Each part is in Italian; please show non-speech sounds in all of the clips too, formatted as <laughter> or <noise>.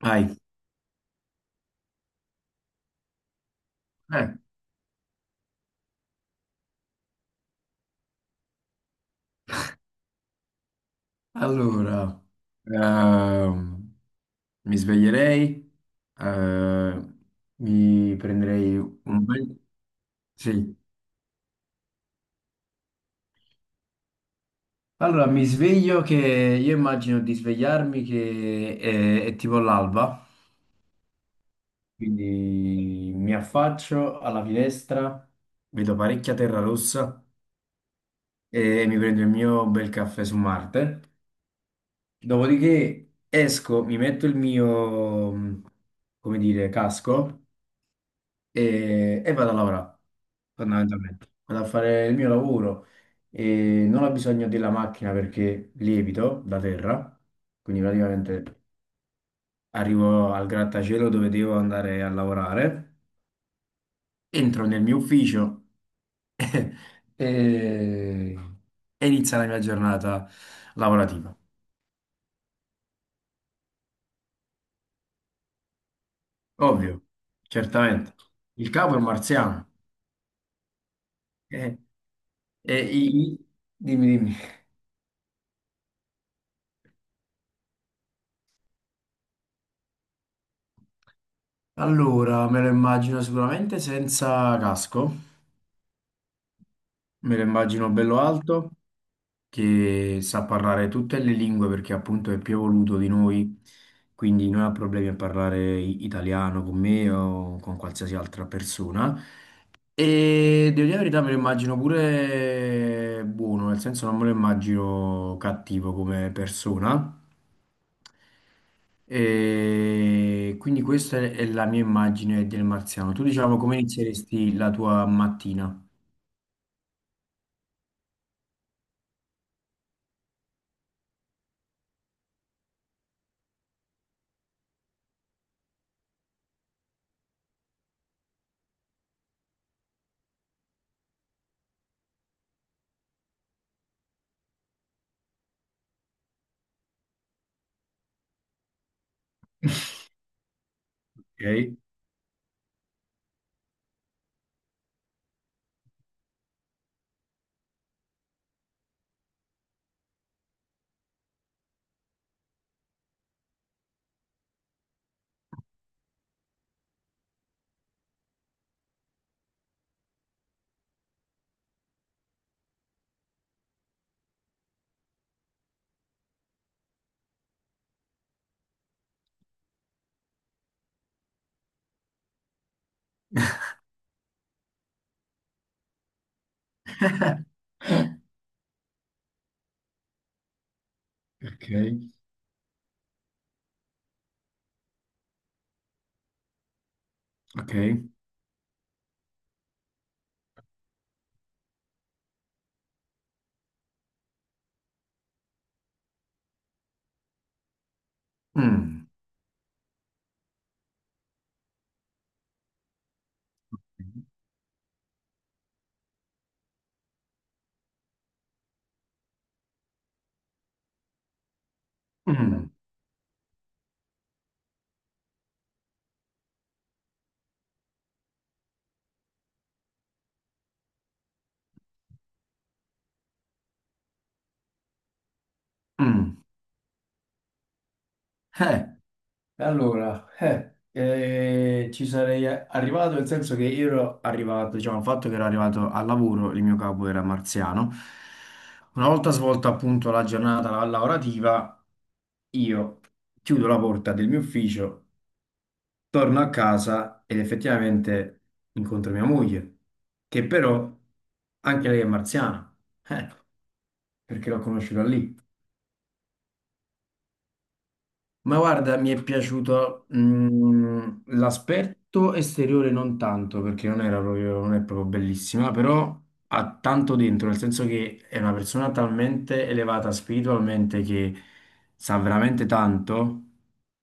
Vai. Eh, allora, ehm, Mi sveglierei, eh, mi prenderei un bel... Sì. Allora, mi sveglio che io immagino di svegliarmi che è tipo l'alba, quindi mi affaccio alla finestra, vedo parecchia terra rossa e mi prendo il mio bel caffè su Marte. Dopodiché esco, mi metto il mio, come dire, casco e vado a lavorare, fondamentalmente. Vado a fare il mio lavoro e non ho bisogno della macchina perché lievito da terra, quindi praticamente arrivo al grattacielo dove devo andare a lavorare, entro nel mio ufficio <laughs> e, e inizia la mia giornata lavorativa. Ovvio, certamente. Il capo è un marziano. Eh, e i- i- dimmi, dimmi. Allora, me lo immagino sicuramente senza casco, me lo immagino bello alto, che sa parlare tutte le lingue perché appunto è più evoluto di noi, quindi non ha problemi a parlare italiano con me o con qualsiasi altra persona. E devo dire la verità, me lo immagino pure buono, nel senso non me lo immagino cattivo come persona. E quindi questa è la mia immagine del marziano. Tu, diciamo, come inizieresti la tua mattina? <laughs> Ok, ok, ok. Mm, mm, mm. Eh, E allora, ci sarei arrivato, nel senso che io ero arrivato, diciamo, il fatto che ero arrivato al lavoro, il mio capo era marziano. Una volta svolta appunto la giornata lavorativa, io chiudo la porta del mio ufficio, torno a casa ed effettivamente incontro mia moglie, che però anche lei è marziana, eh, perché l'ho conosciuta lì. Ma guarda, mi è piaciuto l'aspetto esteriore non tanto, perché non era proprio, non è proprio bellissima, però ha tanto dentro, nel senso che è una persona talmente elevata spiritualmente che sa veramente tanto,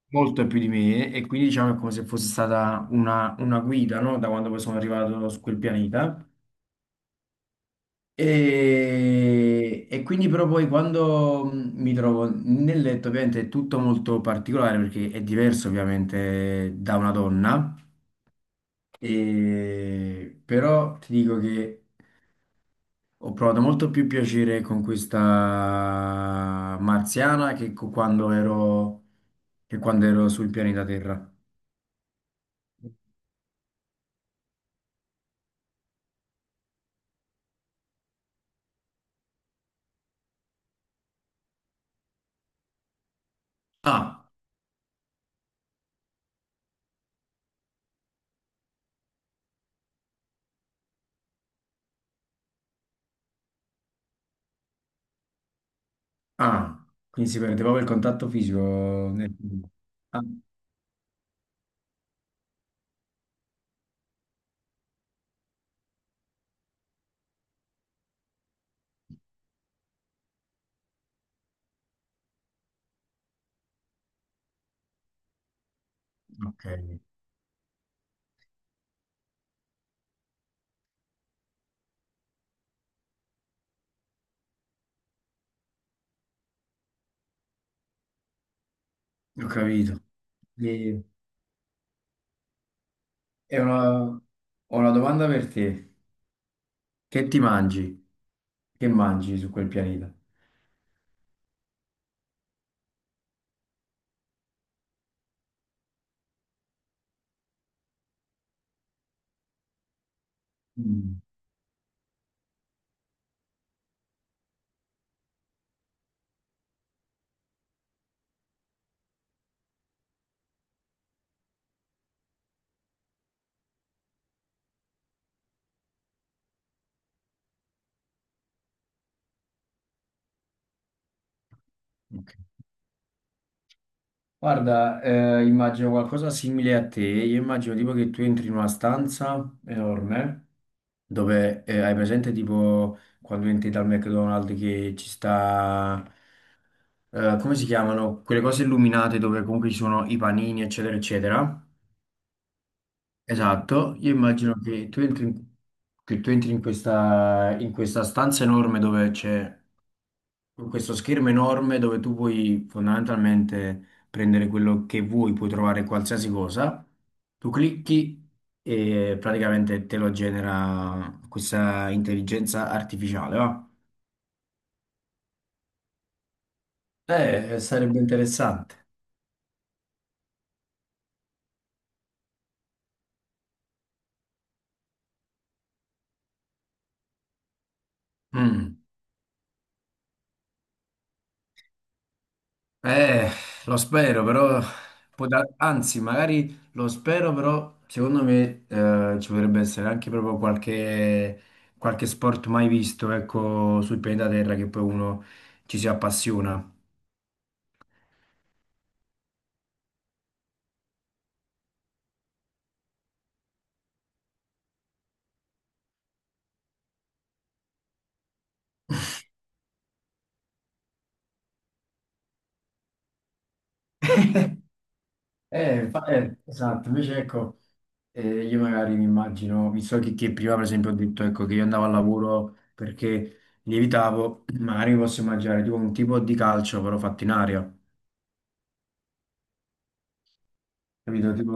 molto più di me, e quindi diciamo è come se fosse stata una guida, no? Da quando poi sono arrivato su quel pianeta. E quindi però poi quando mi trovo nel letto, ovviamente è tutto molto particolare perché è diverso ovviamente da una donna, e però ti dico che ho provato molto più piacere con questa marziana che quando ero sul pianeta Terra. Ah, ah, quindi si perde proprio il contatto fisico. Ah, ok, ho capito. E- E ho una domanda per te. Che ti mangi? Che mangi su quel pianeta? Mm, ok. Guarda, immagino qualcosa simile a te. Io immagino tipo che tu entri in una stanza enorme dove hai presente tipo quando entri dal McDonald's che ci sta, come si chiamano? Quelle cose illuminate dove comunque ci sono i panini, eccetera, eccetera. Esatto, io immagino che tu entri in, che tu entri in questa stanza enorme dove c'è questo schermo enorme dove tu puoi fondamentalmente prendere quello che vuoi, puoi trovare qualsiasi cosa, tu clicchi e praticamente te lo genera questa intelligenza artificiale, va? Sarebbe interessante. Mm. Eh, lo spero, però anzi, magari lo spero, però secondo me ci potrebbe essere anche proprio qualche sport mai visto, ecco, sul pianeta Terra che poi uno ci si appassiona. Esatto, invece ecco, io magari mi immagino, visto che prima per esempio ho detto ecco, che io andavo al lavoro perché lievitavo, <clears throat> magari mi posso immaginare tipo un tipo di calcio però fatto in aria. Capito? Tipo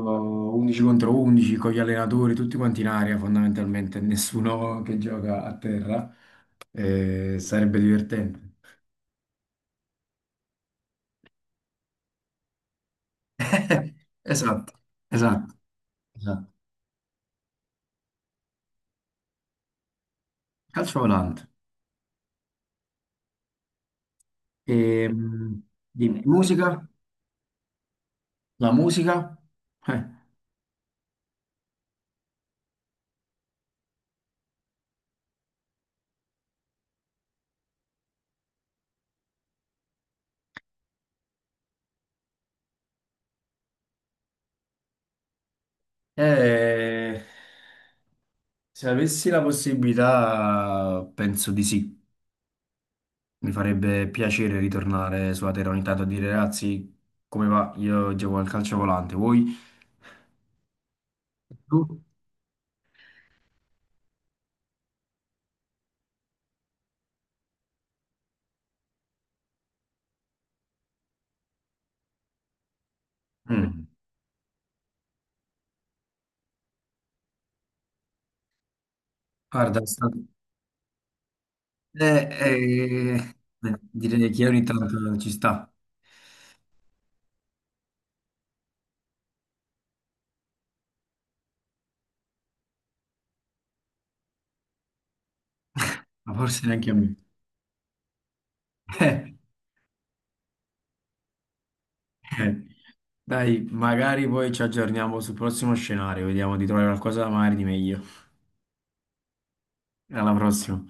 11 contro 11 con gli allenatori, tutti quanti in aria fondamentalmente, nessuno che gioca a terra. Sarebbe divertente. <laughs> Esatto, esatto, esatto. Calcio volante. E, mh, dimmi, musica? La musica? Eh, Eh, se avessi la possibilità, penso di sì. Mi farebbe piacere ritornare sulla terra ogni tanto a dire: ragazzi, come va? Io gioco al calcio volante, voi? Tu? Mm. Guarda, è stato- eh, eh, direi che ogni tanto ci sta, <laughs> ma forse neanche a me. <laughs> Eh. Dai, magari poi ci aggiorniamo sul prossimo scenario, vediamo di trovare qualcosa magari di meglio. Alla prossima.